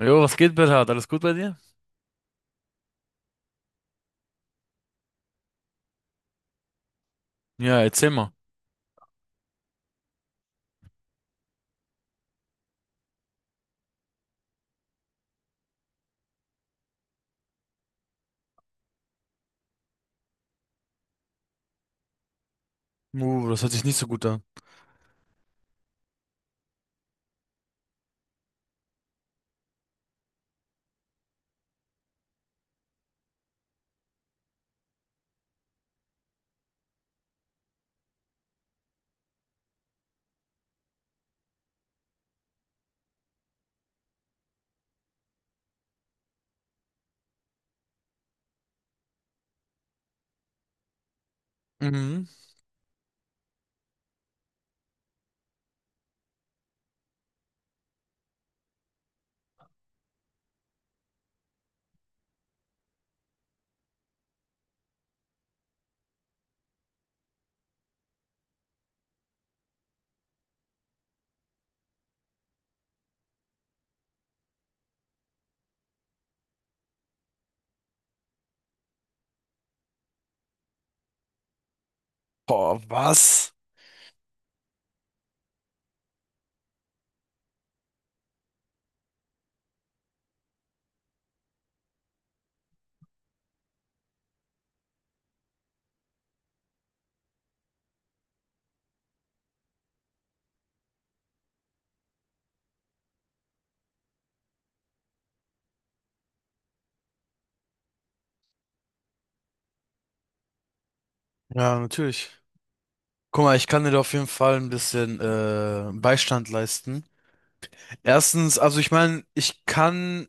Jo, was geht, Bernhard? Alles gut bei dir? Ja, erzähl mal. Das hört sich nicht so gut an. Mhm. Boah, was? Ja, natürlich. Guck mal, ich kann dir da auf jeden Fall ein bisschen Beistand leisten. Erstens, also ich meine, ich kann,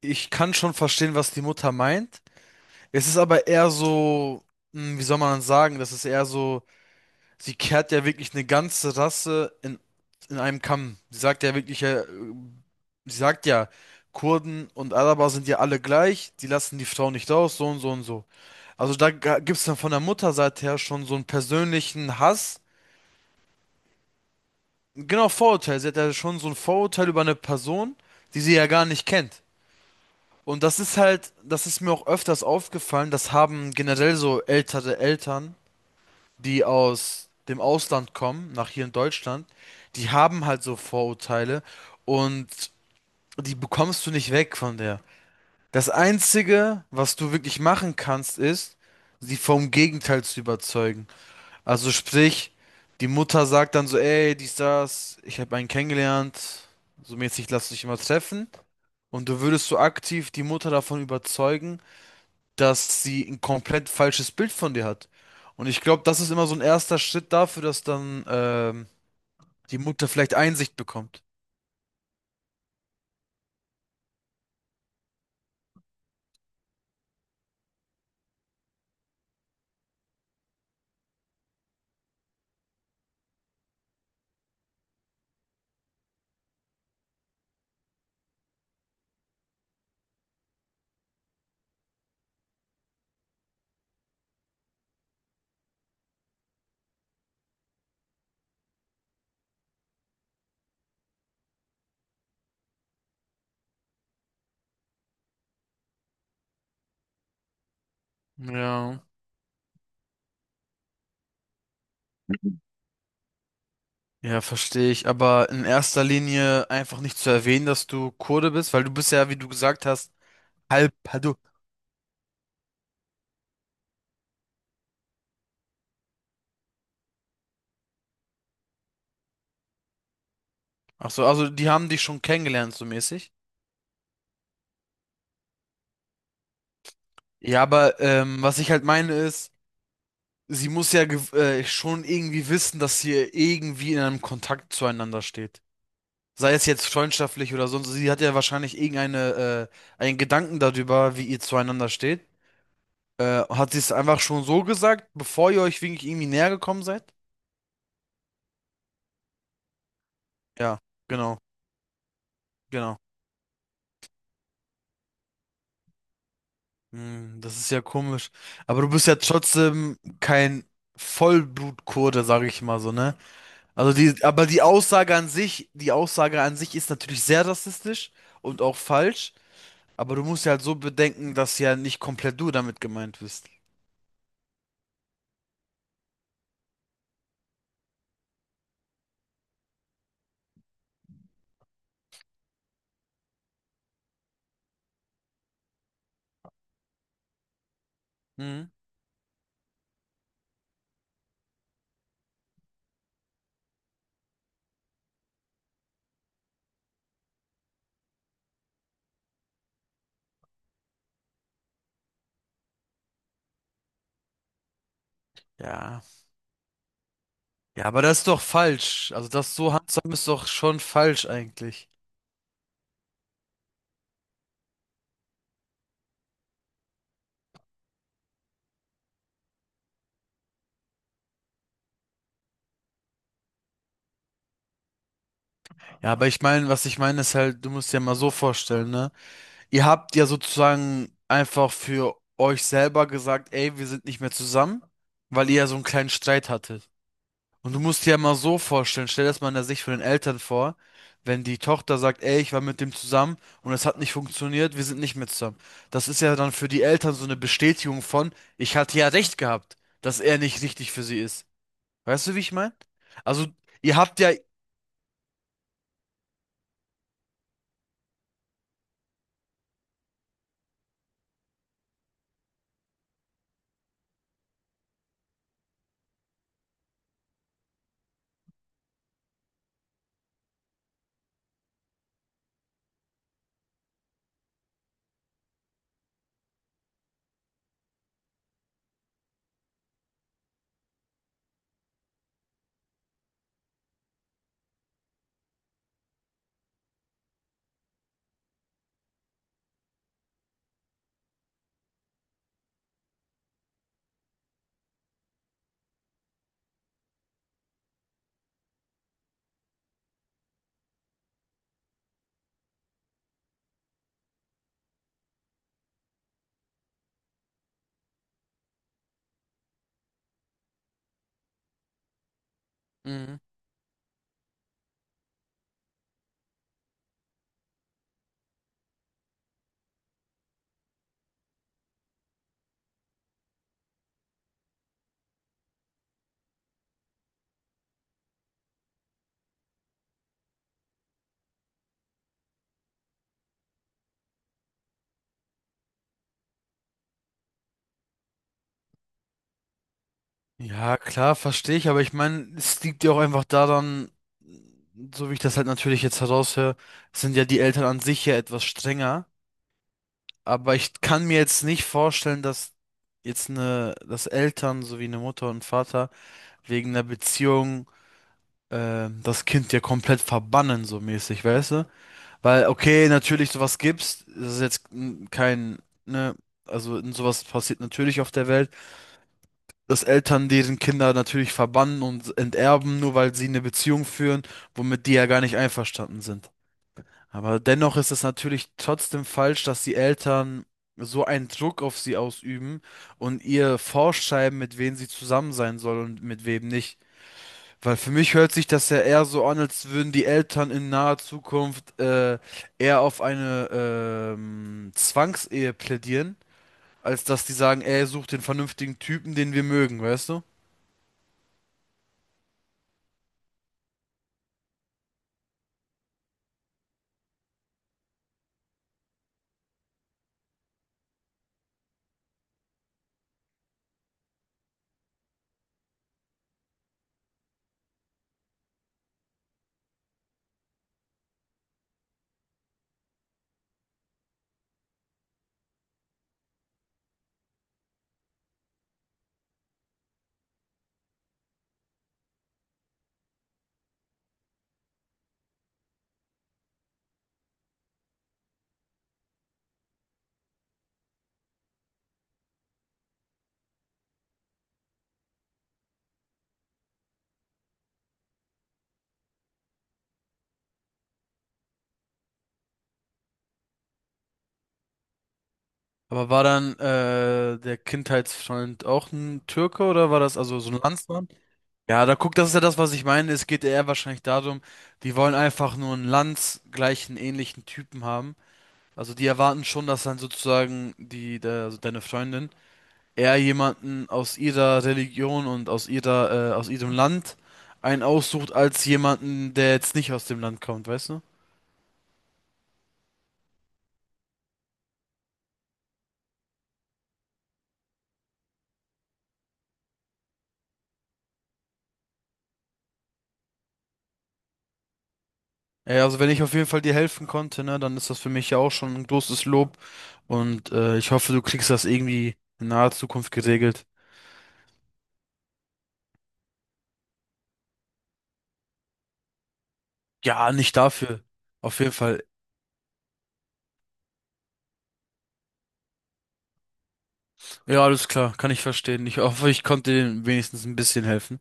ich kann schon verstehen, was die Mutter meint. Es ist aber eher so, hm, wie soll man sagen, das ist eher so, sie kehrt ja wirklich eine ganze Rasse in einem Kamm. Sie sagt ja wirklich, Sie sagt ja, Kurden und Araber sind ja alle gleich, die lassen die Frau nicht raus, so und so und so. Also da gibt es dann von der Mutterseite her schon so einen persönlichen Hass. Genau, Vorurteil. Sie hat ja schon so ein Vorurteil über eine Person, die sie ja gar nicht kennt. Und das ist halt, das ist mir auch öfters aufgefallen, das haben generell so ältere Eltern, die aus dem Ausland kommen, nach hier in Deutschland, die haben halt so Vorurteile und die bekommst du nicht weg von der. Das Einzige, was du wirklich machen kannst, ist, sie vom Gegenteil zu überzeugen. Also sprich, die Mutter sagt dann so, ey, dies, das, ich habe einen kennengelernt, so mäßig lass dich immer treffen. Und du würdest so aktiv die Mutter davon überzeugen, dass sie ein komplett falsches Bild von dir hat. Und ich glaube, das ist immer so ein erster Schritt dafür, dass dann die Mutter vielleicht Einsicht bekommt. Ja. Ja, verstehe ich. Aber in erster Linie einfach nicht zu erwähnen, dass du Kurde bist, weil du bist ja, wie du gesagt hast, halb Padu. Ach so, also die haben dich schon kennengelernt, so mäßig. Ja, aber was ich halt meine ist, sie muss ja schon irgendwie wissen, dass sie irgendwie in einem Kontakt zueinander steht. Sei es jetzt freundschaftlich oder sonst. Sie hat ja wahrscheinlich irgendeine, einen Gedanken darüber, wie ihr zueinander steht. Hat sie es einfach schon so gesagt, bevor ihr euch wirklich irgendwie näher gekommen seid? Ja, genau, genau. Hm, das ist ja komisch. Aber du bist ja trotzdem kein Vollblutkurde, sage ich mal so, ne? Also die, aber die Aussage an sich, die Aussage an sich ist natürlich sehr rassistisch und auch falsch. Aber du musst ja halt so bedenken, dass ja nicht komplett du damit gemeint bist. Hm? Ja. Ja, aber das ist doch falsch. Also das so handzahm ist doch schon falsch eigentlich. Ja, aber ich meine, was ich meine ist halt, du musst dir mal so vorstellen, ne? Ihr habt ja sozusagen einfach für euch selber gesagt, ey, wir sind nicht mehr zusammen, weil ihr ja so einen kleinen Streit hattet. Und du musst dir ja mal so vorstellen, stell das mal in der Sicht von den Eltern vor, wenn die Tochter sagt, ey, ich war mit dem zusammen und es hat nicht funktioniert, wir sind nicht mehr zusammen. Das ist ja dann für die Eltern so eine Bestätigung von, ich hatte ja recht gehabt, dass er nicht richtig für sie ist. Weißt du, wie ich meine? Also, ihr habt ja... Mhm. Ja, klar, verstehe ich, aber ich meine, es liegt ja auch einfach daran, so wie ich das halt natürlich jetzt heraushöre, sind ja die Eltern an sich ja etwas strenger, aber ich kann mir jetzt nicht vorstellen, dass jetzt eine, dass Eltern sowie eine Mutter und Vater wegen einer Beziehung das Kind ja komplett verbannen, so mäßig, weißt du? Weil, okay, natürlich sowas gibt's, das ist jetzt kein, ne, also sowas passiert natürlich auf der Welt. Dass Eltern deren Kinder natürlich verbannen und enterben, nur weil sie eine Beziehung führen, womit die ja gar nicht einverstanden sind. Aber dennoch ist es natürlich trotzdem falsch, dass die Eltern so einen Druck auf sie ausüben und ihr vorschreiben, mit wem sie zusammen sein soll und mit wem nicht. Weil für mich hört sich das ja eher so an, als würden die Eltern in naher Zukunft eher auf eine Zwangsehe plädieren, als dass die sagen, ey, such den vernünftigen Typen, den wir mögen, weißt du? Aber war dann der Kindheitsfreund auch ein Türke oder war das also so ein Landsmann? Ja, da guck, das ist ja das, was ich meine. Es geht eher wahrscheinlich darum, die wollen einfach nur einen landsgleichen, ähnlichen Typen haben. Also die erwarten schon, dass dann sozusagen die, der, also deine Freundin eher jemanden aus ihrer Religion und aus ihrer, aus ihrem Land einen aussucht, als jemanden, der jetzt nicht aus dem Land kommt, weißt du? Ja, also wenn ich auf jeden Fall dir helfen konnte, ne, dann ist das für mich ja auch schon ein großes Lob und ich hoffe, du kriegst das irgendwie in naher Zukunft geregelt. Ja, nicht dafür. Auf jeden Fall. Ja, alles klar, kann ich verstehen. Ich hoffe, ich konnte dir wenigstens ein bisschen helfen.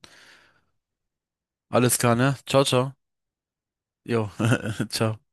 Alles klar, ne? Ciao, ciao. Jo, ciao.